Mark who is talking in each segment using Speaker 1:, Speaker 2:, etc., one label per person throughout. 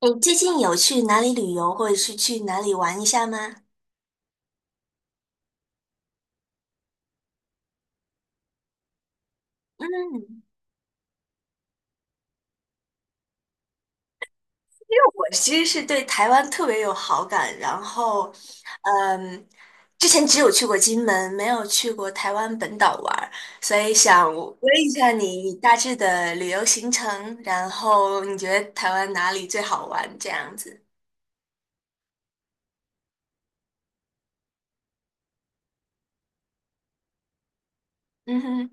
Speaker 1: 你最近有去哪里旅游，或者是去哪里玩一下吗？嗯，我其实是对台湾特别有好感，然后，嗯，之前只有去过金门，没有去过台湾本岛玩儿所以想问一下你，你大致的旅游行程，然后你觉得台湾哪里最好玩这样子？嗯哼，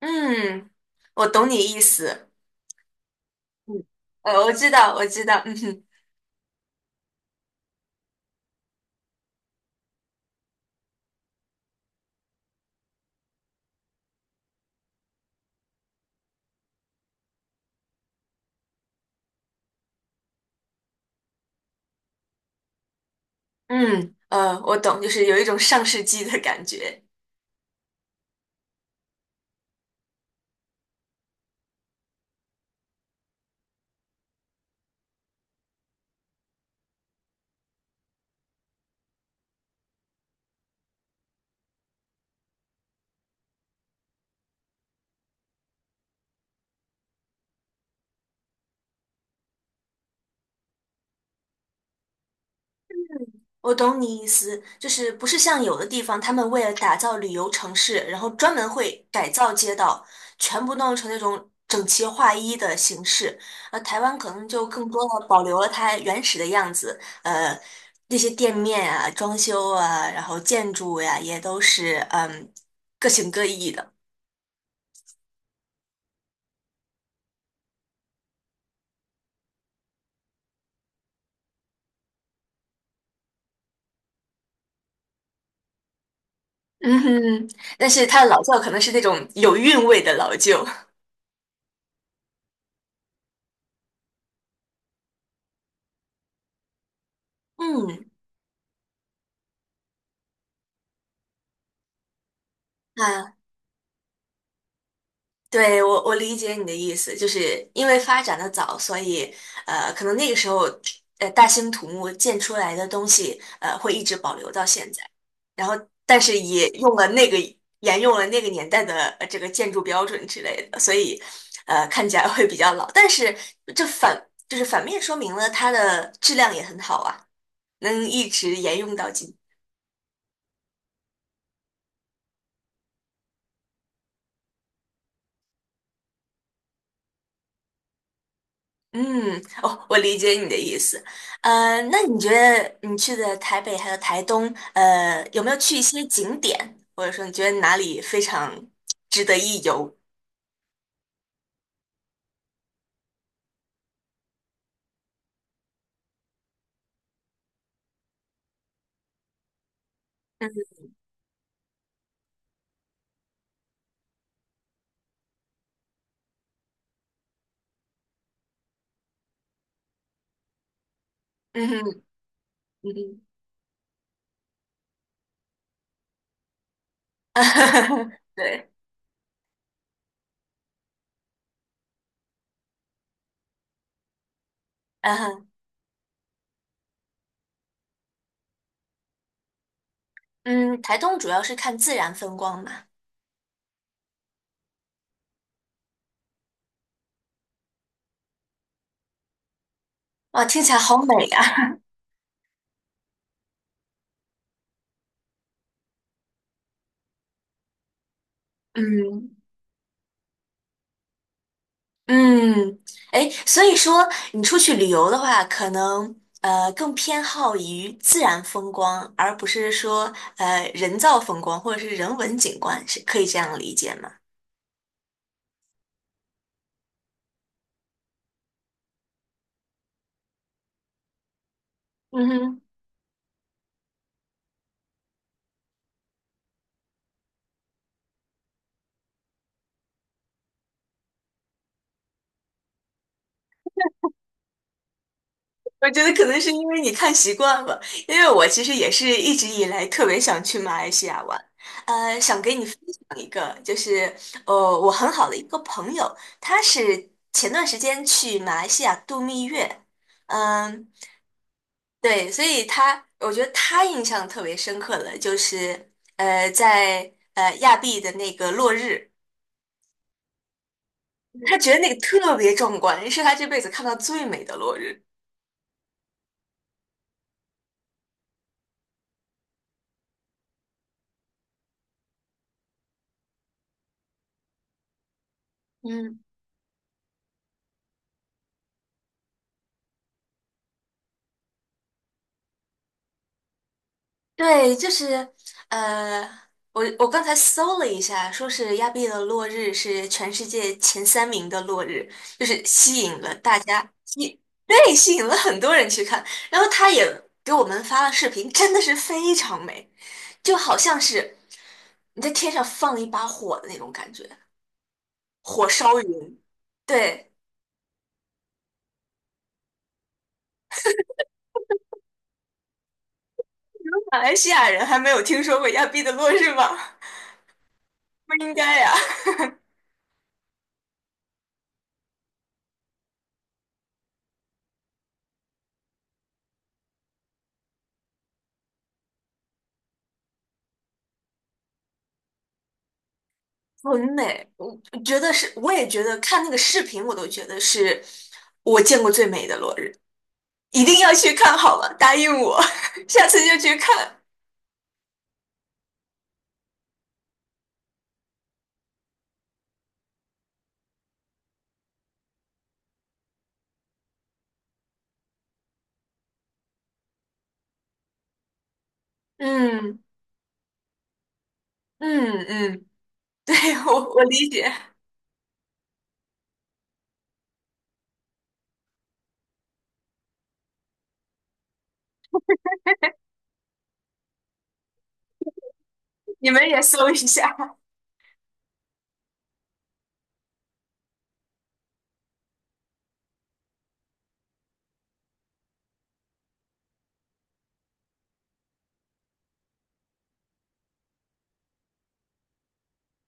Speaker 1: 嗯，我懂你意思，嗯，我知道，嗯哼，嗯，我懂，就是有一种上世纪的感觉。我懂你意思，就是不是像有的地方，他们为了打造旅游城市，然后专门会改造街道，全部弄成那种整齐划一的形式。而台湾可能就更多的保留了它原始的样子，那些店面啊、装修啊，然后建筑呀、也都是嗯各形各异的。嗯哼，但是它的老窖可能是那种有韵味的老旧。嗯，啊，对，我理解你的意思，就是因为发展的早，所以可能那个时候大兴土木建出来的东西会一直保留到现在，然后但是也用了那个沿用了那个年代的这个建筑标准之类的，所以看起来会比较老，但是这反就是反面说明了它的质量也很好啊，能一直沿用到今。嗯，哦，我理解你的意思。那你觉得你去的台北还有台东，有没有去一些景点，或者说你觉得哪里非常值得一游？嗯嗯哼嗯哼，对，嗯哼，嗯，台东主要是看自然风光嘛。哇，听起来好美呀。嗯嗯，哎，所以说你出去旅游的话，可能更偏好于自然风光，而不是说人造风光或者是人文景观，是可以这样理解吗？嗯哼。我觉得可能是因为你看习惯了，因为我其实也是一直以来特别想去马来西亚玩，想给你分享一个，就是我很好的一个朋友，他是前段时间去马来西亚度蜜月，嗯。对，所以他，我觉得他印象特别深刻的就是，在亚庇的那个落日，他觉得那个特别壮观，是他这辈子看到最美的落日。嗯。对，就是呃，我刚才搜了一下，说是亚庇的落日是全世界前三名的落日，就是吸引了大家，吸，对，吸引了很多人去看。然后他也给我们发了视频，真的是非常美，就好像是你在天上放一把火的那种感觉，火烧云。对，马来西亚人还没有听说过亚庇的落日吗？不应该呀、很美，我觉得是，我也觉得看那个视频，我都觉得是我见过最美的落日，一定要去看好了，答应我，下次就去看。嗯嗯嗯，对，我理解，你们也搜一下。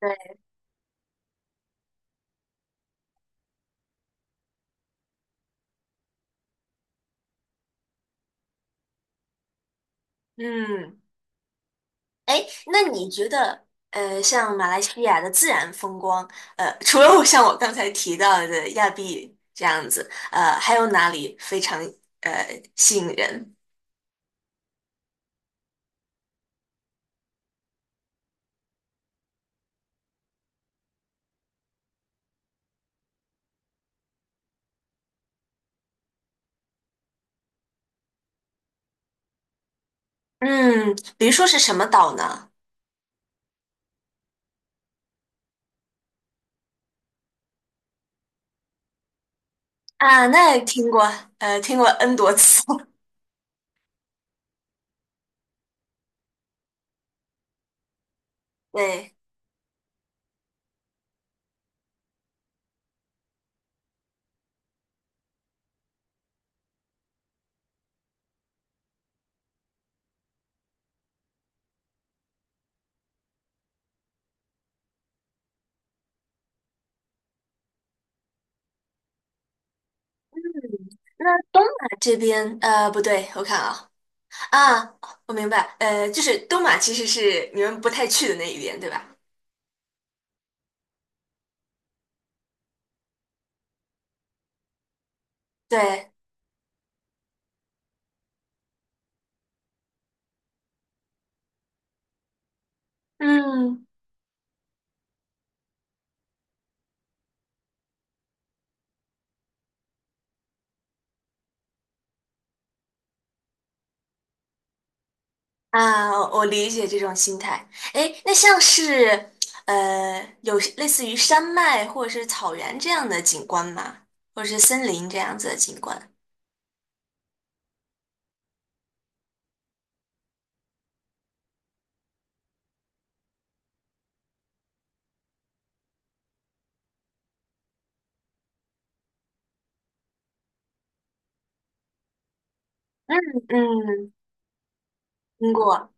Speaker 1: 对，嗯，哎，那你觉得，像马来西亚的自然风光，除了我像我刚才提到的亚庇这样子，还有哪里非常吸引人？嗯，比如说是什么岛呢？啊，那也听过，听过 N 多次。对，那东马这边，不对，我看啊，啊，我明白，就是东马其实是你们不太去的那一边，对吧？对，嗯，啊，我理解这种心态。哎，那像是，有类似于山脉或者是草原这样的景观吗？或者是森林这样子的景观？嗯，听过，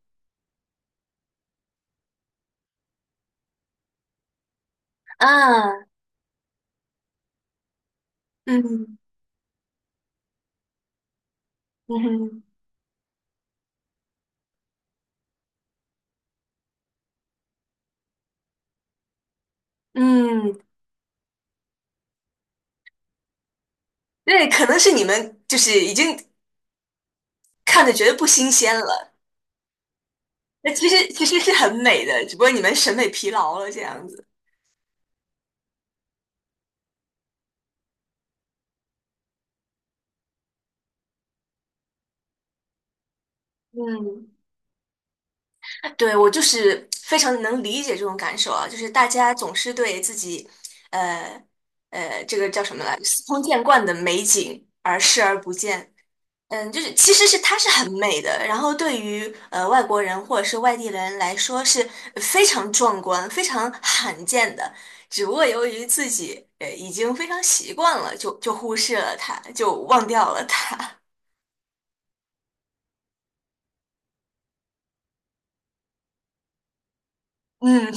Speaker 1: 啊，嗯，嗯哼嗯。对，可能是你们就是已经看的觉得不新鲜了，那其实其实是很美的，只不过你们审美疲劳了这样子。嗯对，我就是非常能理解这种感受啊，就是大家总是对自己，呃这个叫什么来，司空见惯的美景而视而不见，嗯，就是其实是它是很美的，然后对于外国人或者是外地人来说是非常壮观、非常罕见的。只不过由于自己已经非常习惯了，就忽视了它，就忘掉了它。嗯，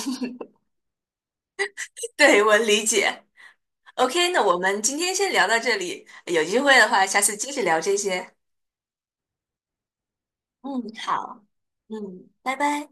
Speaker 1: 对，我理解。OK，那我们今天先聊到这里，有机会的话，下次接着聊这些。嗯，好，嗯，拜拜。